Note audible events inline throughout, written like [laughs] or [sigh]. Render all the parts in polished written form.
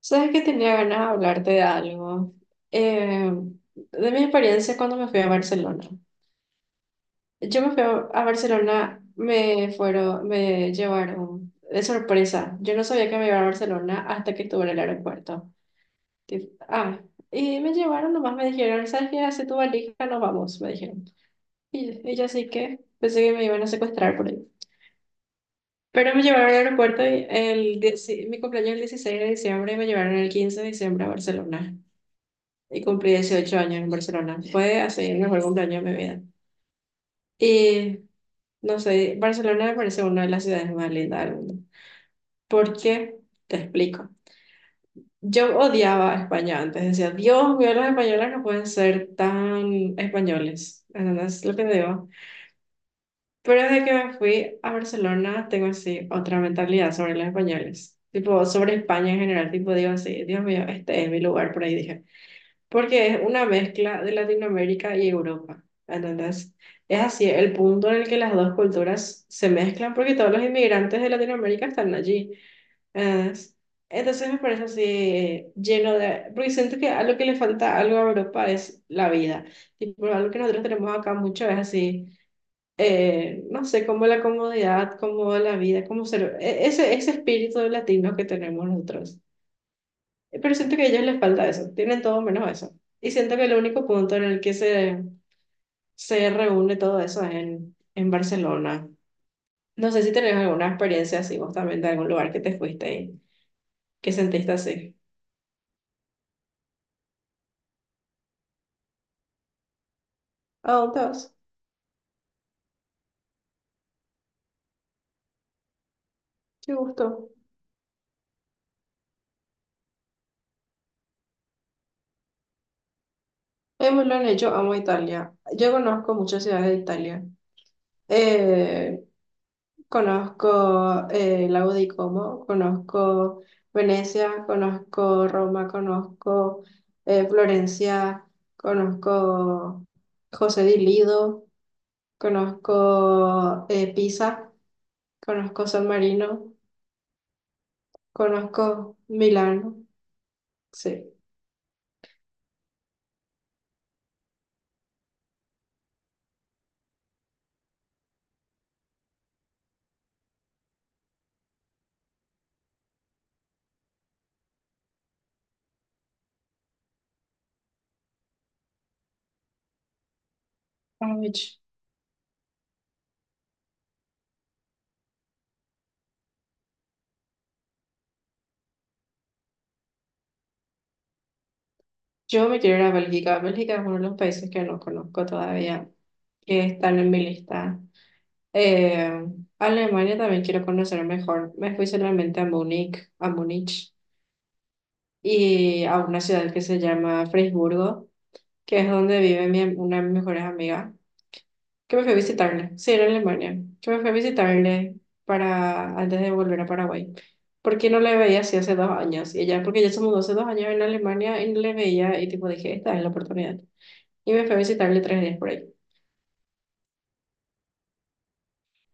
Sabes que tenía ganas de hablarte de algo. Eh, de mi experiencia cuando me fui a Barcelona. Yo me fui a Barcelona, me llevaron de sorpresa. Yo no sabía que me iba a Barcelona hasta que estuve en el aeropuerto. Tip- Ah, y me llevaron, nomás me dijeron, ¿sabes qué? Hace tu valija, nos vamos, me dijeron. Y yo así que pensé que me iban a secuestrar por ahí. Pero me llevaron al aeropuerto y mi cumpleaños es el 16 de diciembre y me llevaron el 15 de diciembre a Barcelona. Y cumplí 18 años en Barcelona. Fue así el mejor cumpleaños de mi vida. Y no sé, Barcelona me parece una de las ciudades más lindas del mundo. ¿Por qué? Te explico. Yo odiaba a España antes. Decía, Dios mío, los españoles no pueden ser tan españoles. ¿Entendés lo que digo? Pero desde que me fui a Barcelona, tengo así otra mentalidad sobre los españoles. Tipo, sobre España en general. Tipo, digo así, Dios mío, este es mi lugar, por ahí dije. Porque es una mezcla de Latinoamérica y Europa. Entonces, es así el punto en el que las dos culturas se mezclan, porque todos los inmigrantes de Latinoamérica están allí. ¿Entendés? Entonces, me parece así lleno de... porque siento que algo que le falta algo a Europa es la vida. Tipo, algo que nosotros tenemos acá mucho es así, no sé, como la comodidad, como la vida, como ser, ese espíritu latino que tenemos nosotros. Pero siento que a ellos les falta eso, tienen todo menos eso. Y siento que el único punto en el que se reúne todo eso es en Barcelona. No sé si tenés alguna experiencia así, vos también, de algún lugar que te fuiste y que sentiste así. ¿A dónde vas? Qué gusto. Es muy lo han hecho, amo Italia. Yo conozco muchas ciudades de Italia. Eh, Conozco Lago Como, conozco Venecia, conozco Roma, conozco Florencia, conozco José di Lido, conozco Pisa, conozco San Marino, conozco Milán. Sí. Ay, ch- Yo me quiero ir a Bélgica. Bélgica es uno de los países que no conozco todavía, que están en mi lista. Eh, Alemania también quiero conocer mejor. Me fui solamente a Múnich y a una ciudad que se llama Freiburgo, que es donde vive mi, una de mis mejores amigas, que me fue a visitarle. Sí, era en Alemania. Que me fue a visitarle para, antes de volver a Paraguay. Porque no le veía así hace 2 años. Y ella, porque ella se mudó hace 2 años en Alemania y no le veía, y tipo dije, esta es la oportunidad. Y me fue a visitarle 3 días por ahí.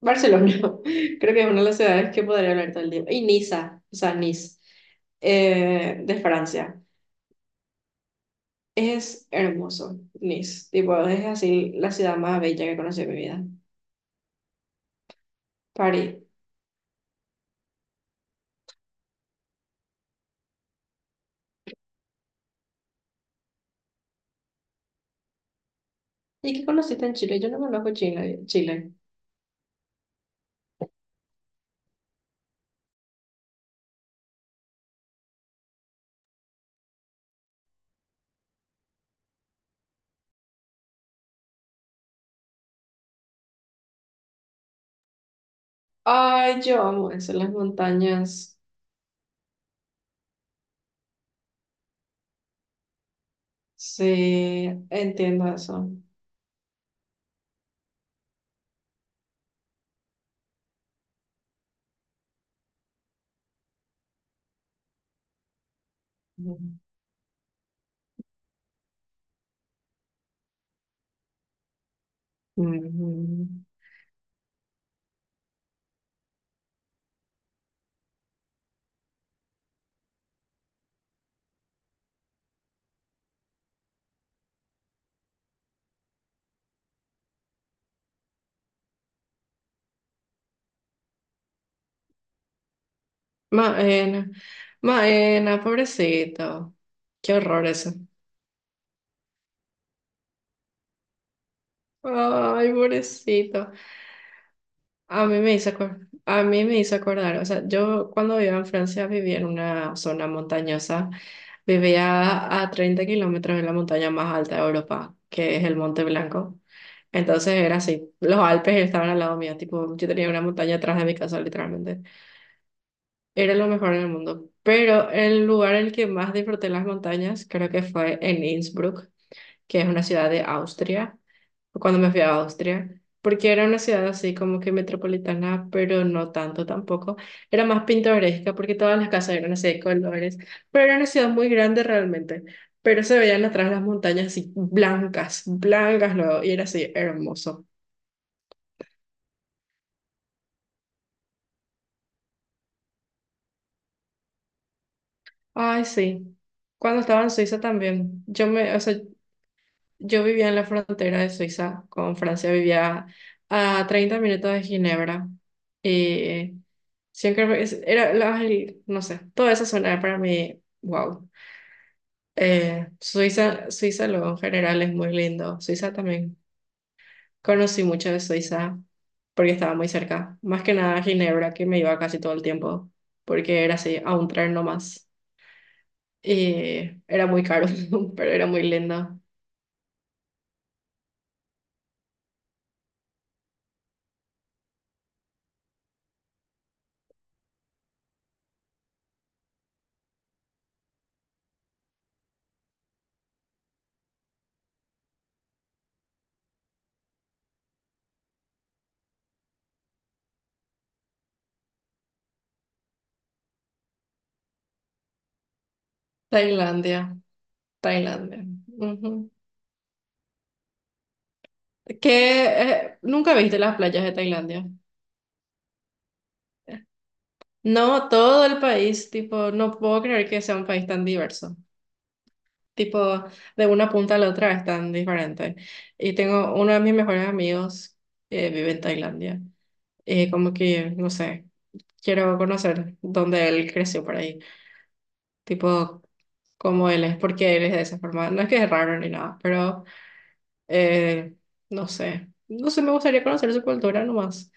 Barcelona, [laughs] creo que es una de las ciudades que podría hablar todo el día. Y Niza, o sea, Nice, de Francia. Es hermoso, Nice. Tipo, es así la ciudad más bella que conocí en mi vida. París. ¿Y qué conociste en Chile? Yo no conozco Chile. Chile. Ay, yo amo eso, las montañas. Sí, entiendo eso. Mm. Ujú. Maena, Maena, pobrecito. Qué horror eso. Ay, pobrecito. A mí me hizo acordar, a mí me hizo acordar, o sea, yo cuando vivía en Francia vivía en una zona montañosa, vivía a 30 kilómetros de la montaña más alta de Europa, que es el Monte Blanco. Entonces era así, los Alpes estaban al lado mío, tipo, yo tenía una montaña atrás de mi casa, literalmente. Era lo mejor en el mundo. Pero el lugar en el que más disfruté las montañas creo que fue en Innsbruck, que es una ciudad de Austria, cuando me fui a Austria, porque era una ciudad así como que metropolitana, pero no tanto tampoco. Era más pintoresca porque todas las casas eran así de colores, pero era una ciudad muy grande realmente. Pero se veían atrás las montañas así blancas, blancas luego, y era así hermoso. Ay, sí. Cuando estaba en Suiza también, o sea, yo vivía en la frontera de Suiza con Francia, vivía a 30 minutos de Ginebra. Y siempre era, no sé, toda esa zona era para mí, wow. Suiza, Suiza luego en general es muy lindo. Suiza también. Conocí mucho de Suiza porque estaba muy cerca. Más que nada Ginebra, que me iba casi todo el tiempo, porque era así, a un tren nomás. Y era muy caro, [laughs] pero era muy lindo. Tailandia, Tailandia. Ujú. Que nunca viste las playas de Tailandia. No, todo el país, tipo, no puedo creer que sea un país tan diverso. Tipo, de una punta a la otra es tan diferente. Y tengo uno de mis mejores amigos que vive en Tailandia. Como que, no sé, quiero conocer dónde él creció por ahí. Tipo, cómo él es, por qué él es de esa forma. No es que es raro ni nada, pero eh, no sé. No sé, me gustaría conocer su cultura nomás.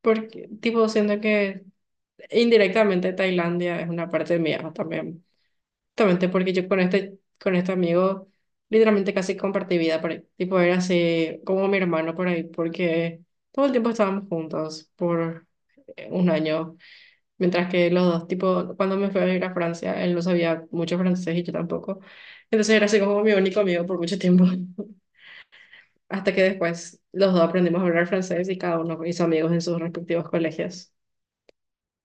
Porque, tipo, siento que indirectamente Tailandia es una parte mía también. Justamente porque yo con este amigo literalmente casi compartí vida por ahí. Tipo, era así como mi hermano por ahí, porque todo el tiempo estábamos juntos por un año. Mientras que los dos, tipo, cuando me fui a ir a Francia, él no sabía mucho francés y yo tampoco. Entonces era así como mi único amigo por mucho tiempo. [laughs] Hasta que después los dos aprendimos a hablar francés y cada uno hizo amigos en sus respectivos colegios,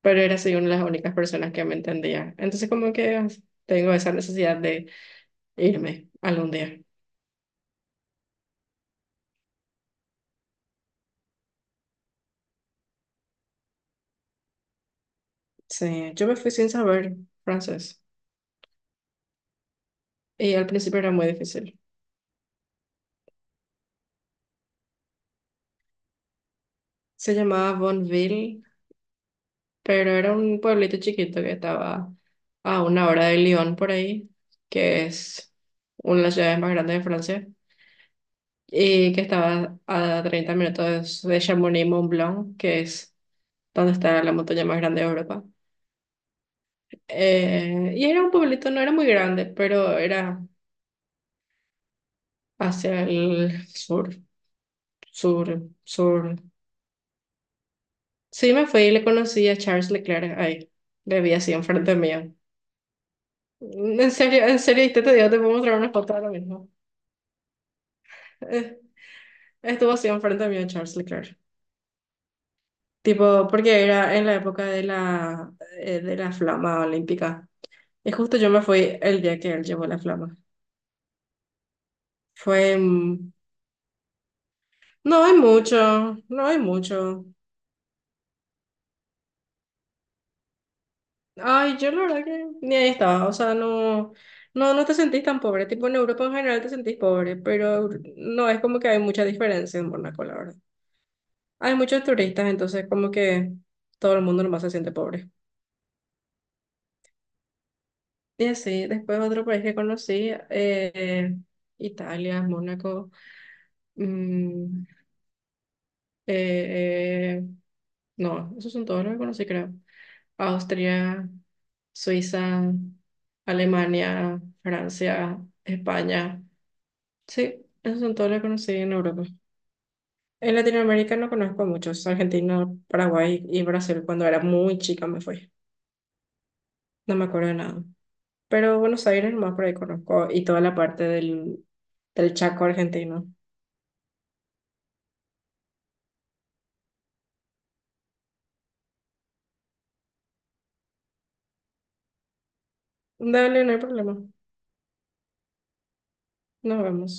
pero era soy una de las únicas personas que me entendía. Entonces como que ah, tengo esa necesidad de irme algún día. Sí, yo me fui sin saber francés y al principio era muy difícil. Se llamaba Bonneville, pero era un pueblito chiquito que estaba a una hora de Lyon por ahí, que es una de las ciudades más grandes de Francia, y que estaba a 30 minutos de Chamonix-Mont-Blanc, que es donde está la montaña más grande de Europa. Y era un pueblito, no era muy grande, pero era hacia el sur, sur, sur. Sí, me fui y le conocí a Charles Leclerc ahí. Le vi así enfrente mío. Mm, en serio, en serio, y te digo, te puedo mostrar una foto ahora mismo. Eh, Estuvo así enfrente mío Charles Leclerc. Tipo, porque era en la época de la flama olímpica. Y justo yo me fui el día que él llevó la flama. Fue... mm, No hay mucho, no hay mucho. Ay, yo la verdad que ni ahí estaba, o sea, no, no, no te sentís tan pobre, tipo en Europa en general te sentís pobre, pero no es como que hay mucha diferencia en Mónaco, la verdad. Hay muchos turistas, entonces como que todo el mundo nomás se siente pobre. Y así, después otro país que conocí, Italia, Mónaco, mm, eh, eh, no, esos son todos los que conocí, creo. Austria, Suiza, Alemania, Francia, España. Sí, esos son todos los que conocí en Europa. En Latinoamérica no conozco a muchos. Argentina, Paraguay y Brasil. Cuando era muy chica me fui. No me acuerdo de nada. Pero Buenos Aires más por ahí conozco, y toda la parte del Chaco argentino. Dale, no hay problema. Nos vemos.